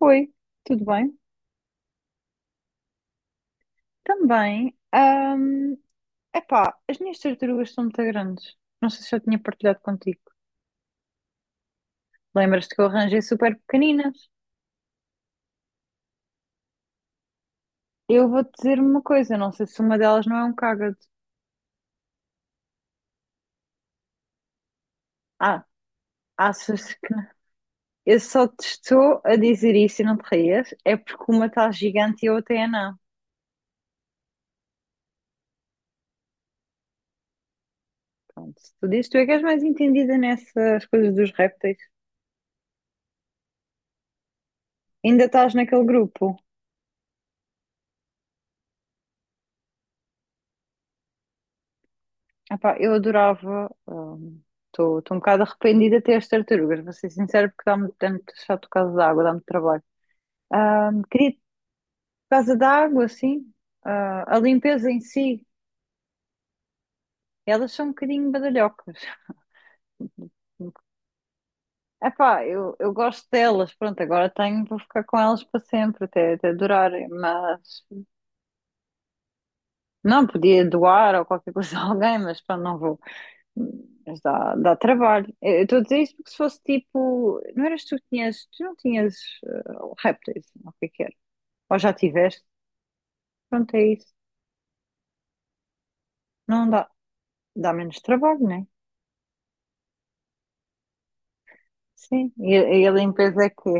Oi, tudo bem? Também. Epá, as minhas tartarugas são muito grandes. Não sei se eu tinha partilhado contigo. Lembras-te que eu arranjei super pequeninas? Eu vou-te dizer uma coisa, não sei se uma delas não é um cágado. Ah, achas que não? Eu só te estou a dizer isso e não te rias, é porque uma está gigante e a outra é não. Pronto, se tu dizes, tu é que és mais entendida nessas coisas dos répteis. Ainda estás naquele grupo? Epá, eu adorava. Estou um bocado arrependida até as tartarugas, vou ser sincera, porque dá-me dá muito chato por causa da água, dá-me trabalho. Queria por causa da água, sim. Ah, a limpeza em si, elas são um bocadinho badalhocas. Epá, eu gosto delas, pronto, agora tenho, vou ficar com elas para sempre, até durarem, mas não podia doar ou qualquer coisa a alguém, mas pronto, não vou. Mas dá trabalho. Eu estou a dizer isso porque se fosse tipo. Não eras tu que tinhas. Tu não tinhas eh, répteis, ou o que é que era? Ou já tiveste? Pronto, é isso. Não dá. Dá menos trabalho, né? Sim. E a limpeza é que.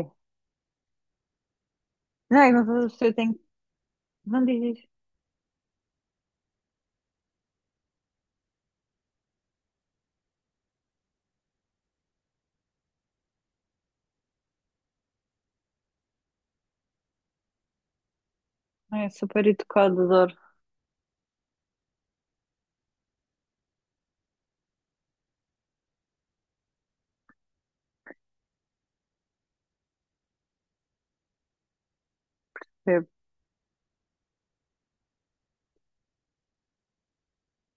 Não, mas a pessoa tem. Não diz isso. É super educado, adoro. É,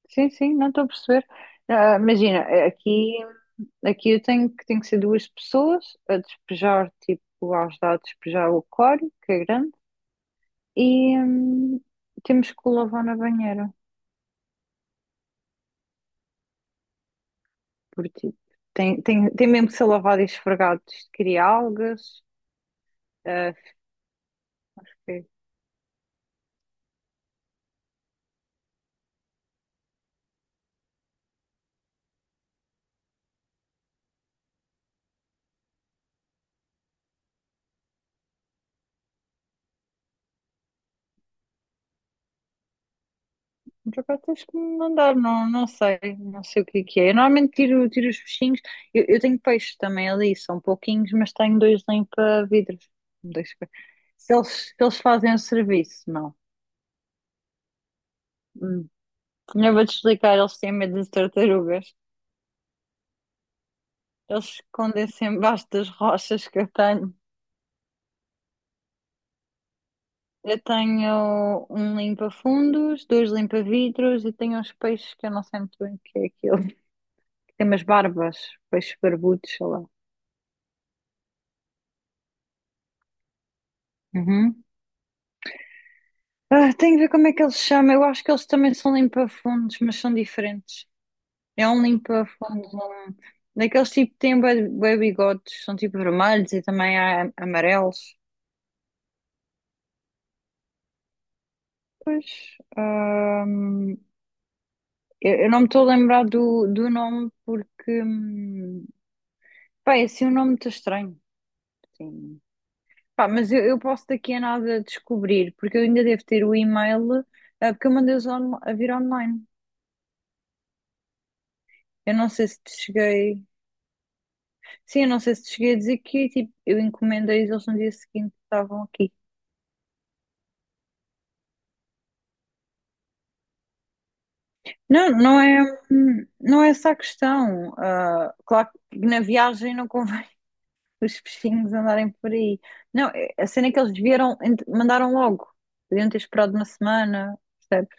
sim, sim, não estou a perceber. Ah, imagina, aqui, aqui eu tenho que ser duas pessoas a despejar, tipo, a ajudar a despejar o aquário, que é grande. E hum, temos que o lavar na banheira, porque tipo, tem mesmo que ser lavado e esfregado. Isto cria algas. ah, fiquei- Por acaso tens que me mandar, não, não sei o que é que é. Eu normalmente tiro os peixinhos. Eu tenho peixes também ali, são pouquinhos, mas tenho dois limpa-vidros. Dois pe- Se eles, se eles fazem o serviço, não. Hum. Eu vou-te explicar, eles têm medo de tartarugas. Eles escondem-se embaixo das rochas que eu tenho. Eu tenho um limpa-fundos, dois limpa-vidros e tenho uns peixes que eu não sei muito bem o que é aquilo. Que tem umas barbas, peixes barbudos, sei lá. Uhum. Ah, tenho que ver como é que eles se chamam. Eu acho que eles também são limpa-fundos, mas são diferentes. É um limpa-fundos, um... daqueles tipo que têm bué bué bigodes, são tipo vermelhos e também há amarelos. Pois, eu não me estou a lembrar do nome porque, pá, é assim um nome muito estranho. Sim. Pá, mas eu posso daqui a nada descobrir, porque eu ainda devo ter o e-mail, porque eu a vir online. Eu não sei se te cheguei. Sim, eu não sei se te cheguei a dizer que tipo, eu encomendei-os, eles no dia seguinte estavam aqui. Não, não é, não é essa a questão. Ah, claro que na viagem não convém os peixinhos andarem por aí. Não, a cena é que eles mandaram logo. Podiam ter esperado uma semana, percebes?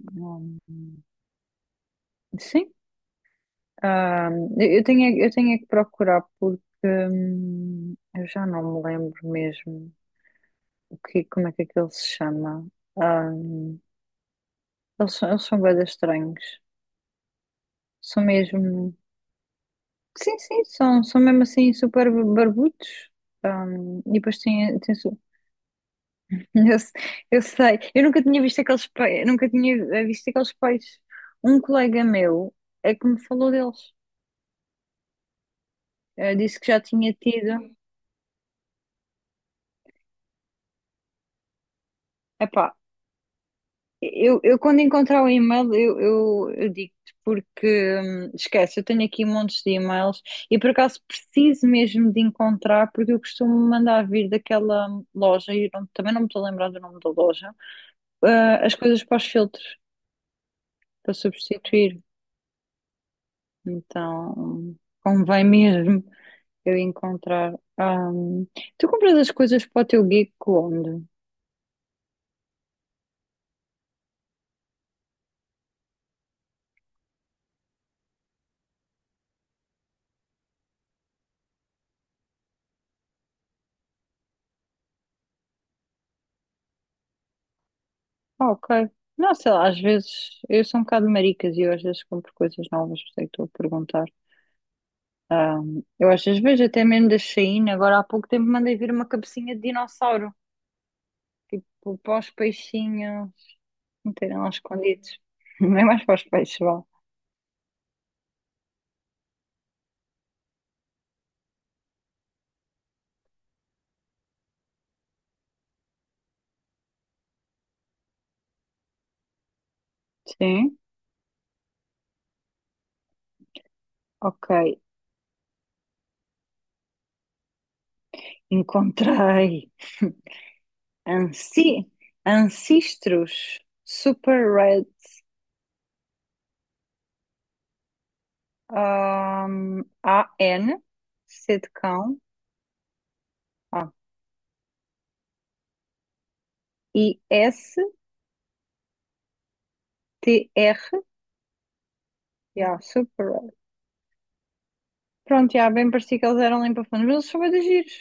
Não- Sim. Ah, eu tenho, eu tenho é que procurar porque eu já não me lembro mesmo como é que aquele se chama. Ah, eles são bué de estranhos. São mesmo. Sim, são mesmo assim super barbudos. Ah, e depois eu, se- eu sei, eu nunca tinha visto aqueles peixes, nunca tinha visto aqueles peixes. Um colega meu é que me falou deles. Disse que já tinha tido. Epá, eu quando encontrar o e-mail, eu digo-te, porque esquece, eu tenho aqui montes de e-mails e por acaso preciso mesmo de encontrar, porque eu costumo mandar vir daquela loja, e também não me estou a lembrar do nome da loja, ah, as coisas para os filtros, para substituir. Então, convém mesmo eu encontrar. Ah, tu compras as coisas para o teu geek onde? Ah, ok. Não, sei lá, às vezes eu sou um bocado maricas e eu às vezes compro coisas novas, por isso é que estou a perguntar. Eu às vezes vejo até mesmo da Shein, agora há pouco tempo mandei vir uma cabecinha de dinossauro, tipo para os peixinhos meterem lá escondidos. Não é mais para os peixes, vá. Sim, ok. Encontrei. Anci Ancestros Super Red AN, C de cão, ah, I, S, T, R, yeah, Super Red. Pronto, já bem parecia que eles eram limpa-fundos, mas eles são bué de giros.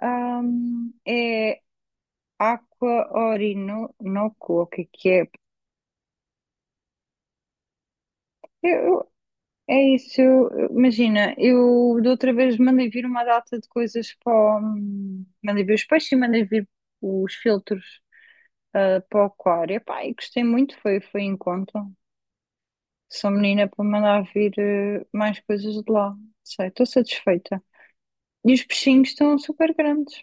É Aqua Orinoco, o que é que é? Eu- É isso, imagina, eu da outra vez mandei vir uma data de coisas para mandei vir os peixes e mandei vir os filtros para o aquário. Epá, e gostei muito, foi em conta. Sou menina para mandar vir mais coisas de lá. Não sei, estou satisfeita. E os peixinhos estão super grandes.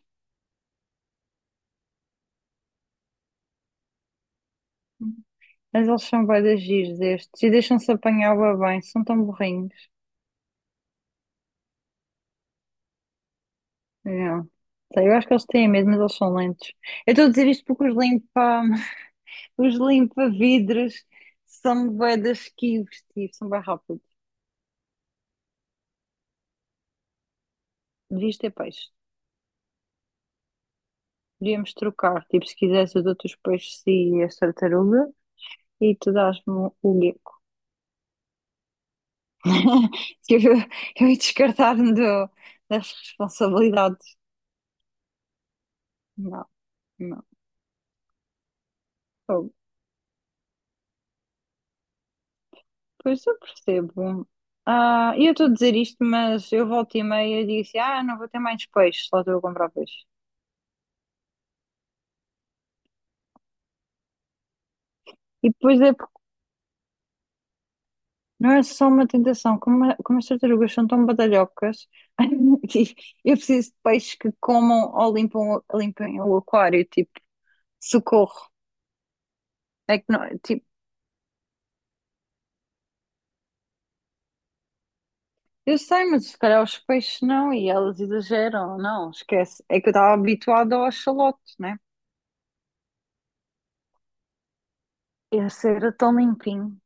Mas eles são bué de giros estes e deixam-se apanhar bué bem, são tão burrinhos. Yeah. Eu acho que eles têm mesmo, mas eles são lentos. Eu estou a dizer isto porque os limpa-vidros são bué de esquivos, tipo, são bem rápidos. Devias ter peixe. Devíamos trocar, tipo, se quisesse, eu dou-te os peixes e as tartaruga e tu dás-me o gecko. Que Eu, eu ia das responsabilidades. Não, não. Oh, pois eu percebo. Ah, e eu estou a dizer isto, mas eu volto e meia e digo assim: ah, não vou ter mais peixe, só estou a comprar peixe. E depois é porque não é só uma tentação, como, como as tartarugas são tão badalhocas, e eu preciso de peixes que comam ou limpam, limpem o aquário, tipo, socorro. É que não, tipo, eu sei, mas se calhar os peixes não, e elas exageram, não, esquece. É que eu estava habituada ao axolote, né? Esse era tão limpinho,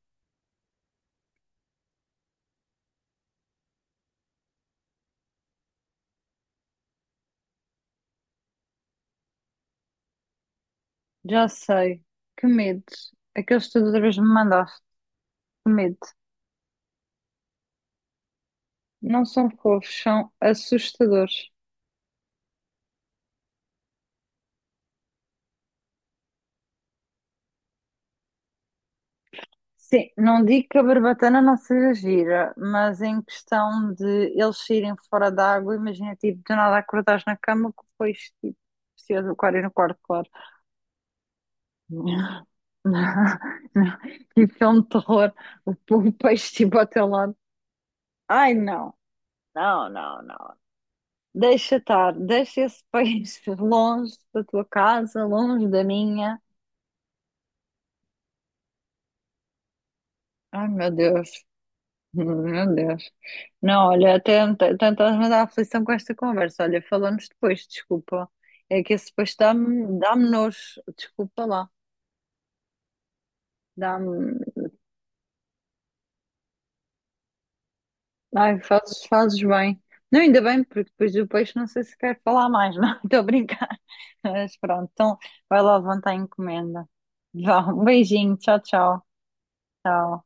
já sei, que medo. Aqueles tartarugas me mandaste, que medo. Não são fofos, são assustadores. Sim, não digo que a barbatana não seja gira, mas em questão de eles saírem fora da água, imagina, tipo, do nada acordares na cama que foi tipo, se do aquário no quarto, claro. Não, não. Tipo, filme de terror, o peixe tipo ao teu lado. Ai, não, não. Deixa estar, deixa esse peixe longe da tua casa, longe da minha. Ai, meu Deus. Meu Deus. Não, olha, até estás-me a dar aflição com esta conversa. Olha, falamos depois, desculpa. É que esse depois dá-me nojo. Desculpa lá. Dá-me. Ai, fazes bem. Não, ainda bem, porque depois do peixe não sei se quero falar mais, não. Estou a brincar. Mas pronto, então vai lá levantar a encomenda. Vá, um beijinho. Tchau, tchau. Tchau.